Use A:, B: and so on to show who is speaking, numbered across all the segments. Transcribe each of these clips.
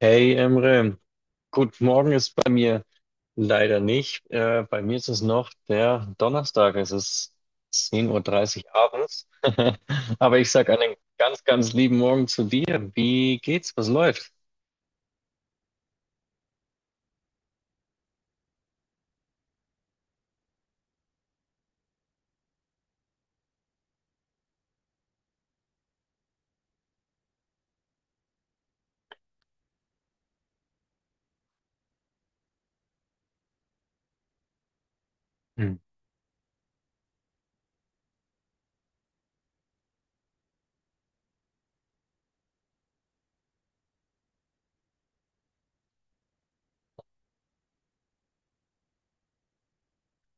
A: Hey Emre, gut, morgen ist bei mir leider nicht. Bei mir ist es noch der Donnerstag. Es ist 10:30 Uhr dreißig abends. Aber ich sag einen ganz, ganz lieben Morgen zu dir. Wie geht's? Was läuft? Hm.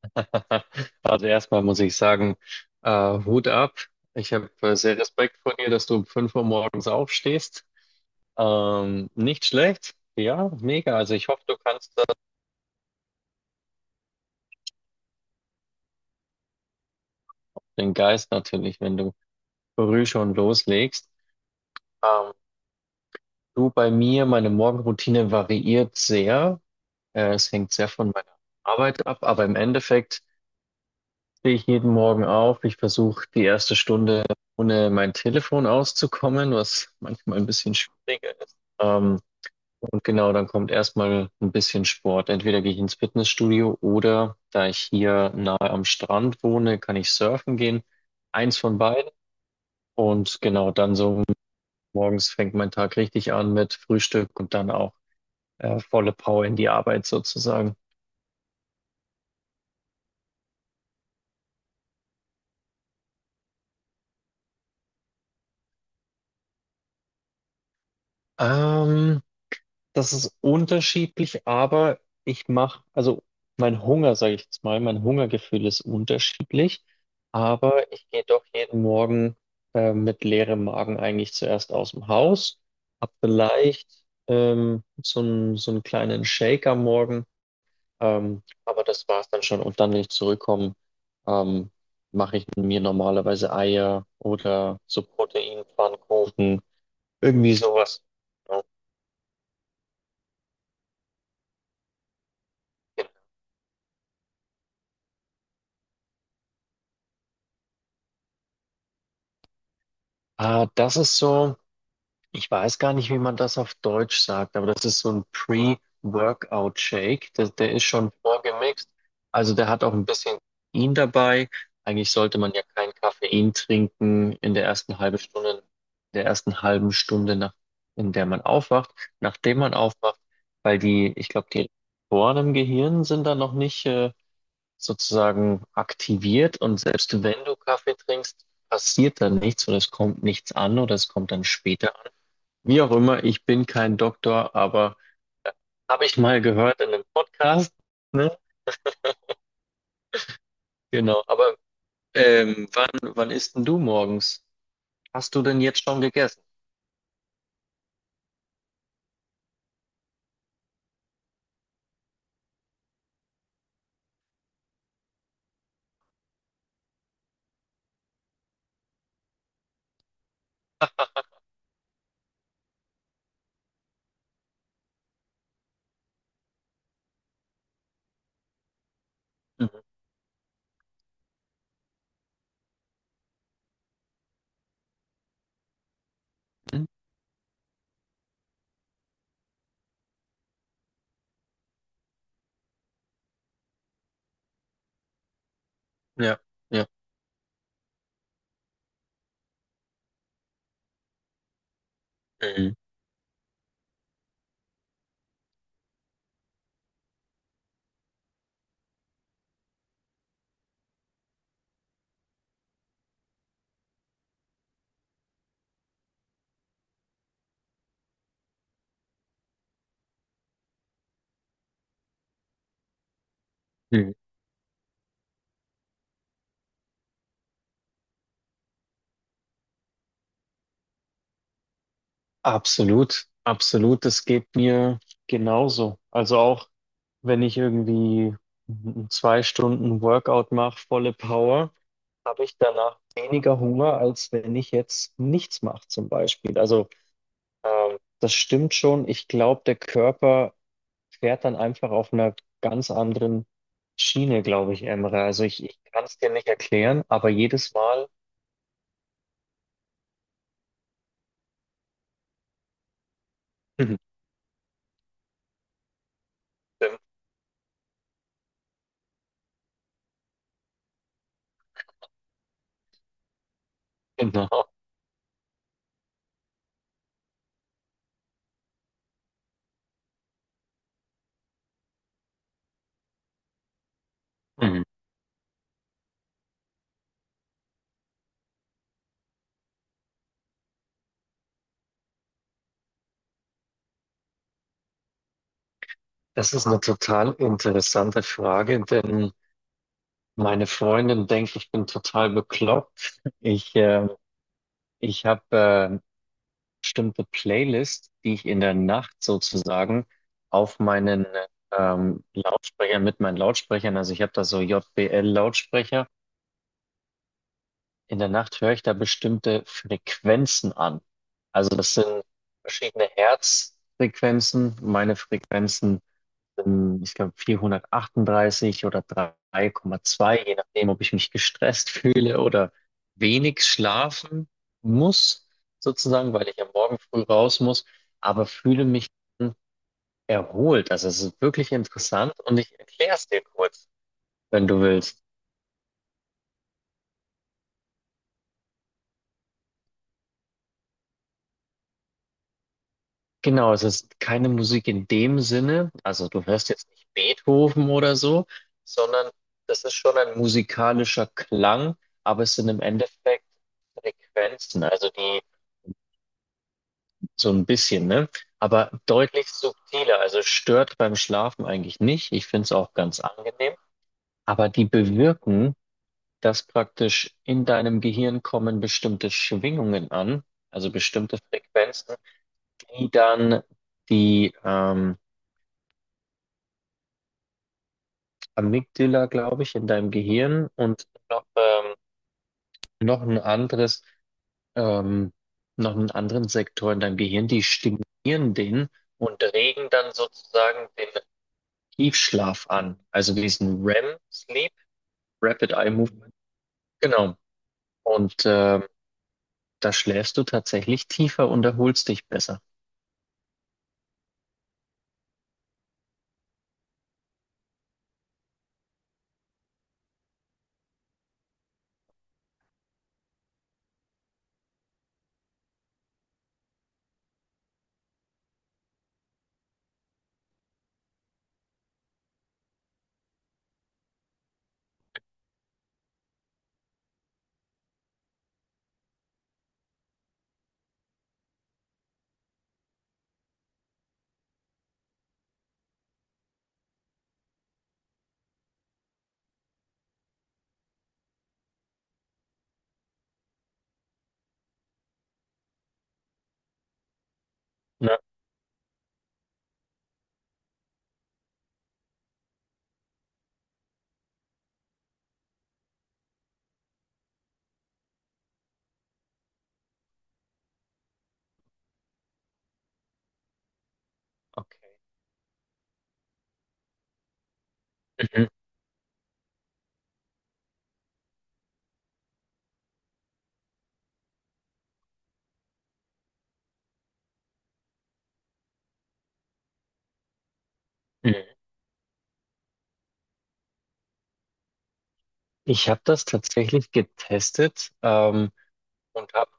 A: Also erstmal muss ich sagen, Hut ab. Ich habe sehr Respekt vor dir, dass du um 5 Uhr morgens aufstehst. Nicht schlecht. Ja, mega. Also ich hoffe, du kannst das, den Geist natürlich, wenn du früh schon loslegst. Ähm, Du, bei mir, meine Morgenroutine variiert sehr. Es hängt sehr von meiner Arbeit ab, aber im Endeffekt stehe ich jeden Morgen auf. Ich versuche die erste Stunde ohne mein Telefon auszukommen, was manchmal ein bisschen schwieriger ist. Und genau, dann kommt erstmal ein bisschen Sport. Entweder gehe ich ins Fitnessstudio oder da ich hier nahe am Strand wohne, kann ich surfen gehen. Eins von beiden. Und genau, dann so morgens fängt mein Tag richtig an mit Frühstück und dann auch. Volle Power in die Arbeit sozusagen. Ähm, das ist unterschiedlich, aber ich mache, also mein Hunger, sage ich jetzt mal, mein Hungergefühl ist unterschiedlich, aber ich gehe doch jeden Morgen mit leerem Magen eigentlich zuerst aus dem Haus, hab vielleicht so einen kleinen Shake am Morgen, aber das war's dann schon. Und dann, wenn ich zurückkomme, ähm, mache ich mir normalerweise Eier oder so Proteinpfannkuchen. Irgendwie sowas. Ja. Ah, das ist so, ich weiß gar nicht, wie man das auf Deutsch sagt, aber das ist so ein Pre-Workout-Shake. Der ist schon vorgemixt. Also der hat auch ein bisschen Koffein dabei. Eigentlich sollte man ja kein Koffein trinken in der ersten halben Stunde, in der ersten halben Stunde, nach, in der man aufwacht, nachdem man aufwacht, weil die, ich glaube, die Rezeptoren im Gehirn sind da noch nicht, sozusagen aktiviert und selbst wenn du Kaffee trinkst, passiert dann nichts oder es kommt nichts an oder es kommt dann später an. Wie auch immer, ich bin kein Doktor, aber habe ich mal gehört in einem Podcast. Genau, aber wann isst denn du morgens? Hast du denn jetzt schon gegessen? Mhm. Ja, ja. Mhm. Mhm. Absolut, absolut, das geht mir genauso. Also auch wenn ich irgendwie 2 Stunden Workout mache, volle Power. Habe ich danach weniger Hunger, als wenn ich jetzt nichts mache, zum Beispiel. Also, das stimmt schon. Ich glaube, der Körper fährt dann einfach auf einer ganz anderen Schiene, glaube ich, Emre. Also, ich kann es dir nicht erklären, aber jedes Mal. Mhm. Stimmt. Genau. Mhm. Das ist eine total interessante Frage, denn meine Freundin denkt, ich bin total bekloppt. Ich habe bestimmte Playlist, die ich in der Nacht sozusagen auf meinen Lautsprecher, mit meinen Lautsprechern, also ich habe da so JBL-Lautsprecher, in der Nacht höre ich da bestimmte Frequenzen an. Also das sind verschiedene Herzfrequenzen, meine Frequenzen ich glaube 438 oder 3,2, je nachdem, ob ich mich gestresst fühle oder wenig schlafen muss, sozusagen, weil ich am Morgen früh raus muss, aber fühle mich erholt. Also es ist wirklich interessant und ich erkläre es dir kurz, wenn du willst. Genau, es ist keine Musik in dem Sinne, also du hörst jetzt nicht Beethoven oder so, sondern das ist schon ein musikalischer Klang, aber es sind im Endeffekt Frequenzen, also die so ein bisschen, ne? Aber deutlich subtiler, also stört beim Schlafen eigentlich nicht. Ich finde es auch ganz angenehm, aber die bewirken, dass praktisch in deinem Gehirn kommen bestimmte Schwingungen an, also bestimmte Frequenzen, die dann die Amygdala, glaube ich, in deinem Gehirn und noch, noch ein anderes, ähm, noch einen anderen Sektor in deinem Gehirn, die stimulieren den und regen dann sozusagen den Tiefschlaf an, also diesen REM-Sleep, Rapid Eye Movement. Genau. Und da schläfst du tatsächlich tiefer und erholst dich besser. Na, okay. Mhm. Mhm. Ich habe das tatsächlich getestet, und habe.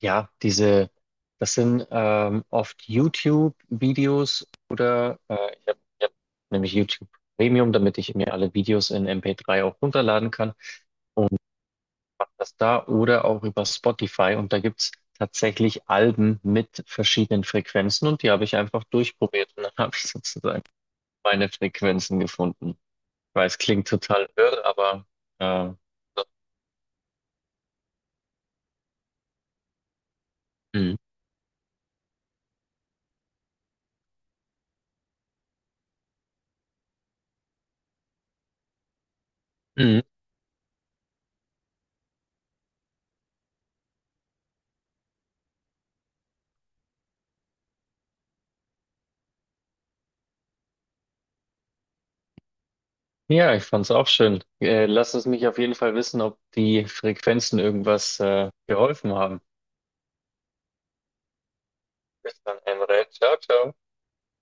A: Ja, diese, das sind oft YouTube-Videos oder ich habe hab ich hab nämlich YouTube Premium, damit ich mir alle Videos in MP3 auch runterladen kann. Mach das da oder auch über Spotify und da gibt's tatsächlich Alben mit verschiedenen Frequenzen und die habe ich einfach durchprobiert und dann habe ich sozusagen meine Frequenzen gefunden. Ich weiß, klingt total wirr, aber äh, so. Mhm. Ja, ich fand's auch schön. Lass es mich auf jeden Fall wissen, ob die Frequenzen irgendwas geholfen haben. Bis dann, Emre. Ciao, ciao.